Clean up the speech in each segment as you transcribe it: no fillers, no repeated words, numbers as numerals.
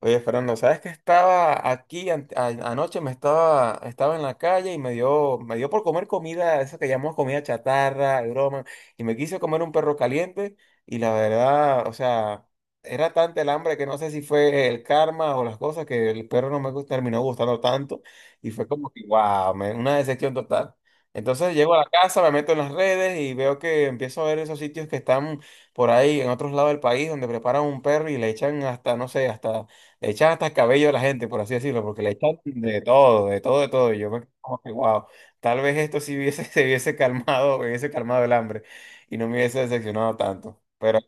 Oye, Fernando, ¿sabes que estaba aquí anoche? Me estaba en la calle y me dio por comer comida, eso que llamamos comida chatarra, y broma, y me quise comer un perro caliente y la verdad, o sea, era tanta el hambre que no sé si fue el karma o las cosas que el perro no terminó gustando tanto y fue como que, wow, una decepción total. Entonces llego a la casa, me meto en las redes y veo que empiezo a ver esos sitios que están por ahí en otros lados del país donde preparan un perro y le echan hasta, no sé, hasta le echan hasta el cabello a la gente, por así decirlo, porque le echan de todo, de todo, de todo. Y yo me quedo como que, wow, tal vez esto sí hubiese, se hubiese calmado el hambre y no me hubiese decepcionado tanto. Pero,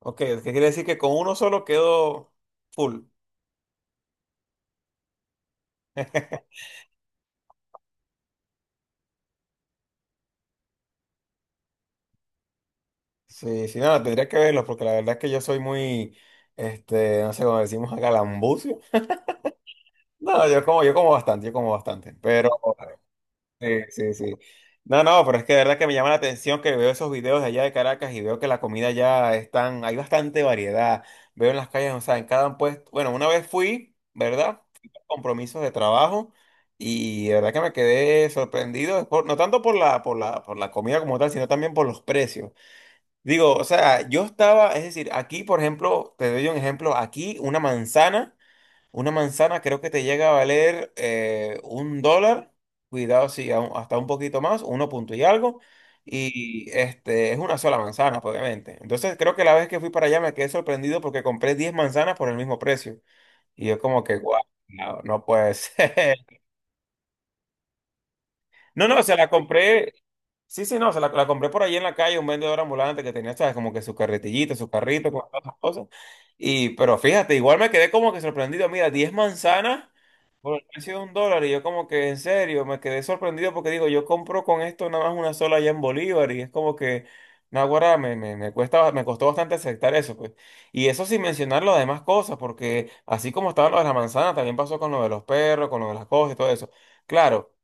ok, ¿qué quiere decir? Que con uno solo quedo full. Sí, sí, nada, tendría que verlo, porque la verdad es que yo soy muy, este, no sé cómo decimos acá, lambucio. No, yo como bastante, yo como bastante. Pero. Sí, sí, sí. No, no, pero es que de verdad que me llama la atención que veo esos videos de allá de Caracas y veo que la comida ya están, hay bastante variedad. Veo en las calles, o sea, en cada puesto. Bueno, una vez fui, ¿verdad? Fui por compromisos de trabajo y de verdad que me quedé sorprendido, no tanto por la comida como tal, sino también por los precios. Digo, o sea, yo estaba, es decir, aquí, por ejemplo, te doy un ejemplo, aquí una manzana. Una manzana creo que te llega a valer $1, cuidado si hasta un poquito más, uno punto y algo, y este es una sola manzana, pues, obviamente. Entonces creo que la vez que fui para allá me quedé sorprendido porque compré 10 manzanas por el mismo precio. Y yo como que, guau, no, no puede ser. No, no, se la compré, sí, sí, no, la compré por allí en la calle, un vendedor ambulante que tenía, sabes, como que su carretillito, su carrito, con todas esas cosas. Y, pero fíjate, igual me quedé como que sorprendido, mira, 10 manzanas. Por el precio de $1, y yo como que en serio me quedé sorprendido porque digo, yo compro con esto nada más una sola allá en Bolívar, y es como que, naguará, me costó bastante aceptar eso, pues. Y eso sin mencionar las demás cosas, porque así como estaba lo de la manzana, también pasó con lo de los perros, con lo de las cosas y todo eso. Claro,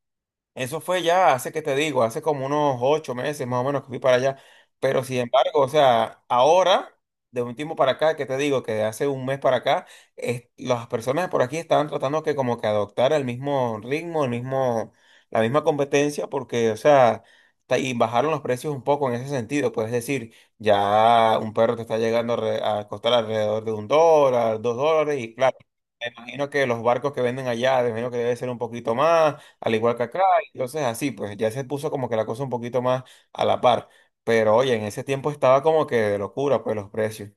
eso fue ya hace que te digo, hace como unos 8 meses más o menos que fui para allá. Pero sin embargo, o sea, ahora, de un tiempo para acá, que te digo que de hace un mes para acá, las personas por aquí estaban tratando que como que adoptar el mismo ritmo, el mismo, la misma competencia, porque, o sea, y bajaron los precios un poco en ese sentido. Pues es decir, ya un perro te está llegando a costar alrededor de $1, $2, y claro, me imagino que los barcos que venden allá, me imagino que debe ser un poquito más al igual que acá. Entonces así, pues ya se puso como que la cosa un poquito más a la par. Pero oye, en ese tiempo estaba como que de locura, pues los precios.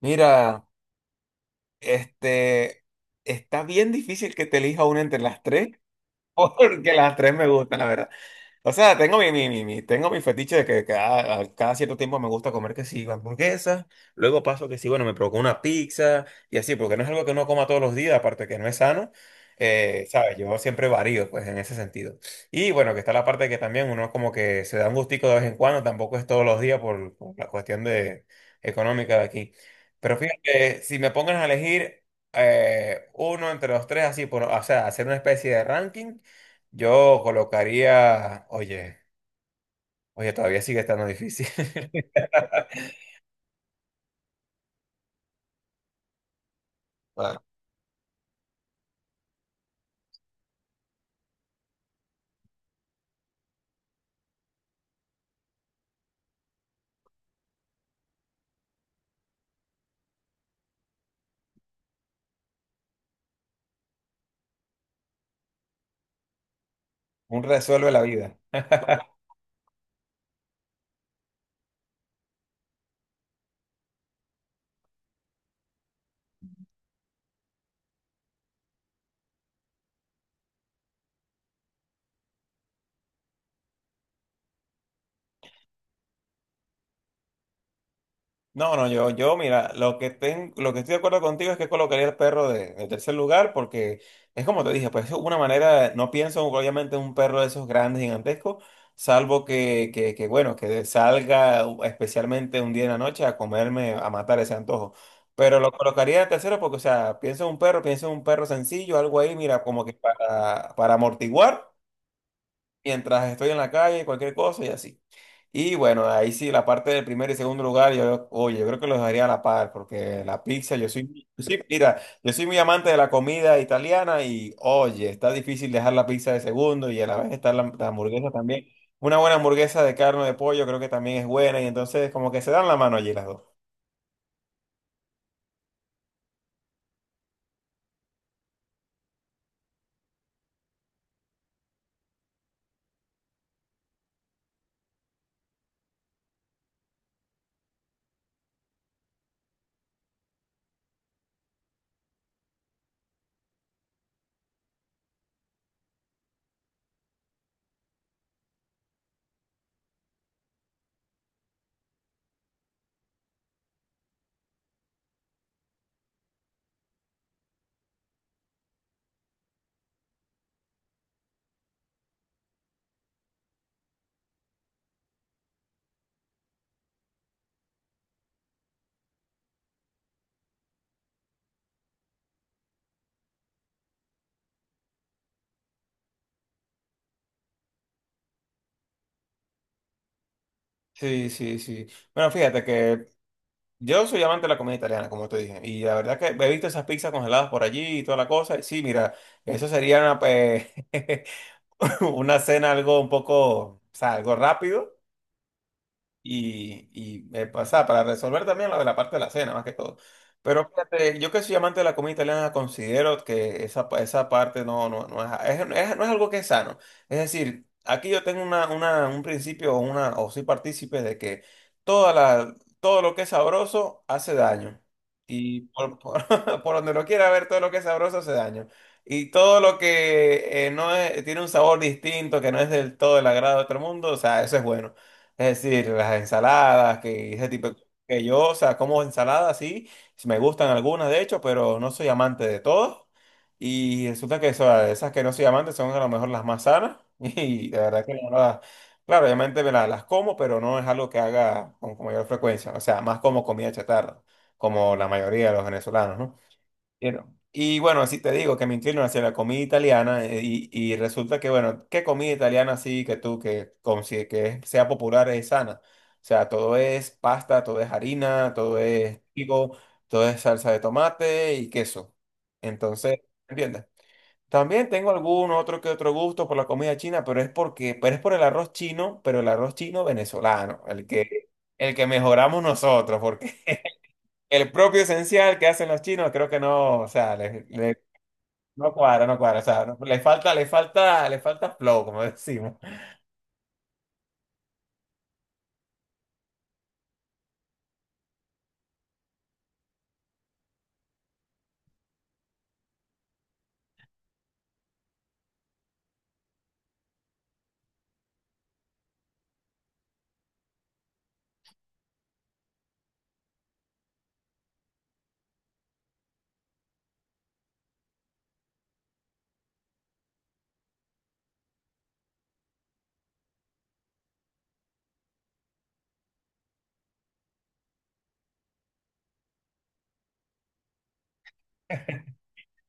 Mira, este, está bien difícil que te elija una entre las tres, porque las tres me gustan, la verdad. O sea, tengo mi, mi, mi, mi- tengo mi fetiche de que cada, a cada cierto tiempo me gusta comer que sí, hamburguesas, luego paso que sí, bueno, me provoca una pizza y así, porque no es algo que uno coma todos los días, aparte que no es sano, ¿sabes? Yo siempre varío, pues, en ese sentido. Y bueno, que está la parte que también uno como que se da un gustico de vez en cuando, tampoco es todos los días por la cuestión de, económica de aquí. Pero fíjate, si me pongan a elegir uno entre los tres, así, por, o sea, hacer una especie de ranking. Yo colocaría, oye, todavía sigue estando difícil. Ah, un resuelve la vida. No, no, mira, lo que estoy de acuerdo contigo es que colocaría el perro de tercer lugar, porque es como te dije, pues es una manera, no pienso obviamente en un perro de esos grandes, gigantescos, salvo bueno, que salga especialmente un día en la noche a comerme, a matar ese antojo. Pero lo colocaría de tercero porque, o sea, pienso en un perro, pienso en un perro sencillo, algo ahí, mira, como que para amortiguar mientras estoy en la calle, cualquier cosa y así. Y bueno, ahí sí, la parte del primer y segundo lugar, yo, oye, yo creo que los dejaría a la par, porque la pizza, mira, yo soy muy amante de la comida italiana y, oye, está difícil dejar la pizza de segundo y a la vez está la hamburguesa también. Una buena hamburguesa de carne o de pollo creo que también es buena y entonces como que se dan la mano allí las dos. Sí, sí, sí. Bueno, fíjate que yo soy amante de la comida italiana, como te dije, y la verdad que he visto esas pizzas congeladas por allí y toda la cosa. Y sí, mira, eso sería una, pe- una cena algo un poco, o sea, algo rápido y o sea, para resolver también lo de la parte de la cena, más que todo. Pero fíjate, yo que soy amante de la comida italiana, considero que esa, esa parte no, no, no, no es algo que es sano. Es decir, aquí yo tengo un principio o, una, o soy partícipe de que toda la, todo lo que es sabroso hace daño. Y por, por donde lo quiera ver, todo lo que es sabroso hace daño. Y todo lo que no es- tiene un sabor distinto, que no es del todo el agrado de otro mundo, o sea, eso es bueno. Es decir, las ensaladas, que ese tipo de cosas que yo, o sea, como ensaladas, sí, sí me gustan algunas de hecho, pero no soy amante de todas. Y resulta que o sea, esas que no soy amante son a lo mejor las más sanas. Y la verdad que no las, claro, obviamente me las, como, pero no es algo que haga con mayor frecuencia. O sea, más como comida chatarra, como la mayoría de los venezolanos, ¿no? You. Y bueno, así te digo que me inclino hacia la comida italiana y resulta que, bueno, ¿qué comida italiana así que tú que, que sea popular es sana? O sea, todo es pasta, todo es harina, todo es trigo, todo es salsa de tomate y queso. Entonces, ¿entiendes? También tengo algún otro que otro gusto por la comida china, pero es porque, pero es por el arroz chino, pero el arroz chino venezolano, el que mejoramos nosotros, porque el propio esencial que hacen los chinos, creo que no, o sea, no cuadra, no cuadra. O sea, le falta, le falta, le falta flow, como decimos,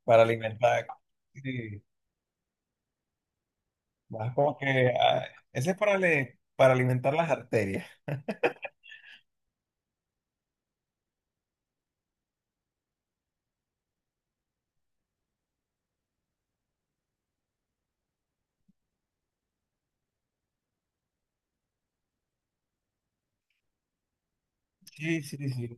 para alimentar. Sí, más como que ah, ese es para, para alimentar las arterias. Sí, sí, sí.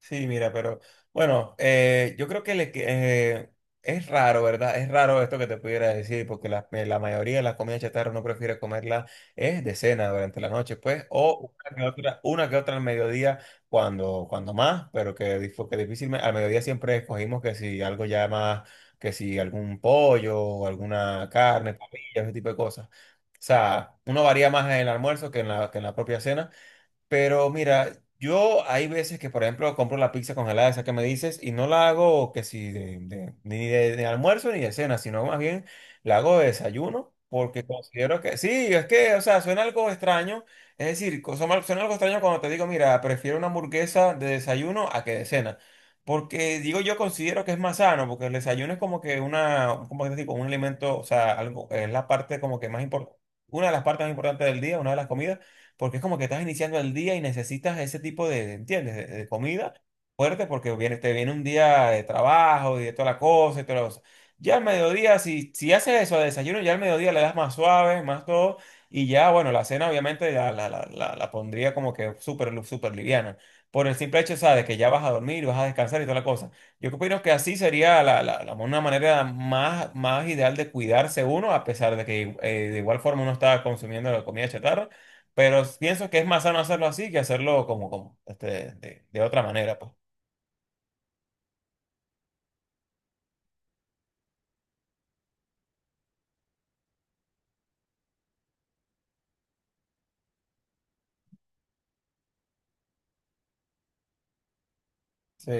Sí, mira, pero bueno, yo creo que, es raro, ¿verdad? Es raro esto que te pudiera decir, porque la mayoría de las comidas chatarra uno prefiere comerla es de cena durante la noche, pues, o una que otra al mediodía, cuando más, pero que difícilmente, al mediodía siempre escogimos que si algo ya más, que si algún pollo o alguna carne, parrilla, ese tipo de cosas. O sea, uno varía más en el almuerzo que que en la propia cena. Pero mira, yo hay veces que, por ejemplo, compro la pizza congelada, esa que me dices, y no la hago que si de, de- ni de, de almuerzo ni de cena, sino más bien la hago de desayuno, porque considero que sí, es que, o sea, suena algo extraño. Es decir, suena algo extraño cuando te digo, mira, prefiero una hamburguesa de desayuno a que de cena. Porque digo, yo considero que es más sano, porque el desayuno es como que una, como que te digo, un alimento, o sea, algo, es la parte como que más importante, una de las partes más importantes del día, una de las comidas porque es como que estás iniciando el día y necesitas ese tipo ¿entiendes? De comida fuerte porque viene, te viene un día de trabajo y de toda la cosa y toda la cosa. Ya al mediodía, si, si haces eso de desayuno, ya al mediodía le das más suave, más todo, y ya, bueno, la cena obviamente la pondría como que súper liviana. Por el simple hecho, ¿sabes? Que ya vas a dormir, vas a descansar y toda la cosa. Yo opino que así sería una manera más ideal de cuidarse uno, a pesar de que de igual forma uno está consumiendo la comida chatarra pero pienso que es más sano hacerlo así que hacerlo como este, de otra manera, pues. Sí.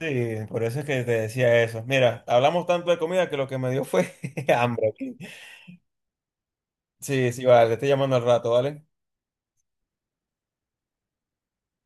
Sí, por eso es que te decía eso. Mira, hablamos tanto de comida que lo que me dio fue hambre aquí. Sí, sí, vale, te estoy llamando al rato, ¿vale?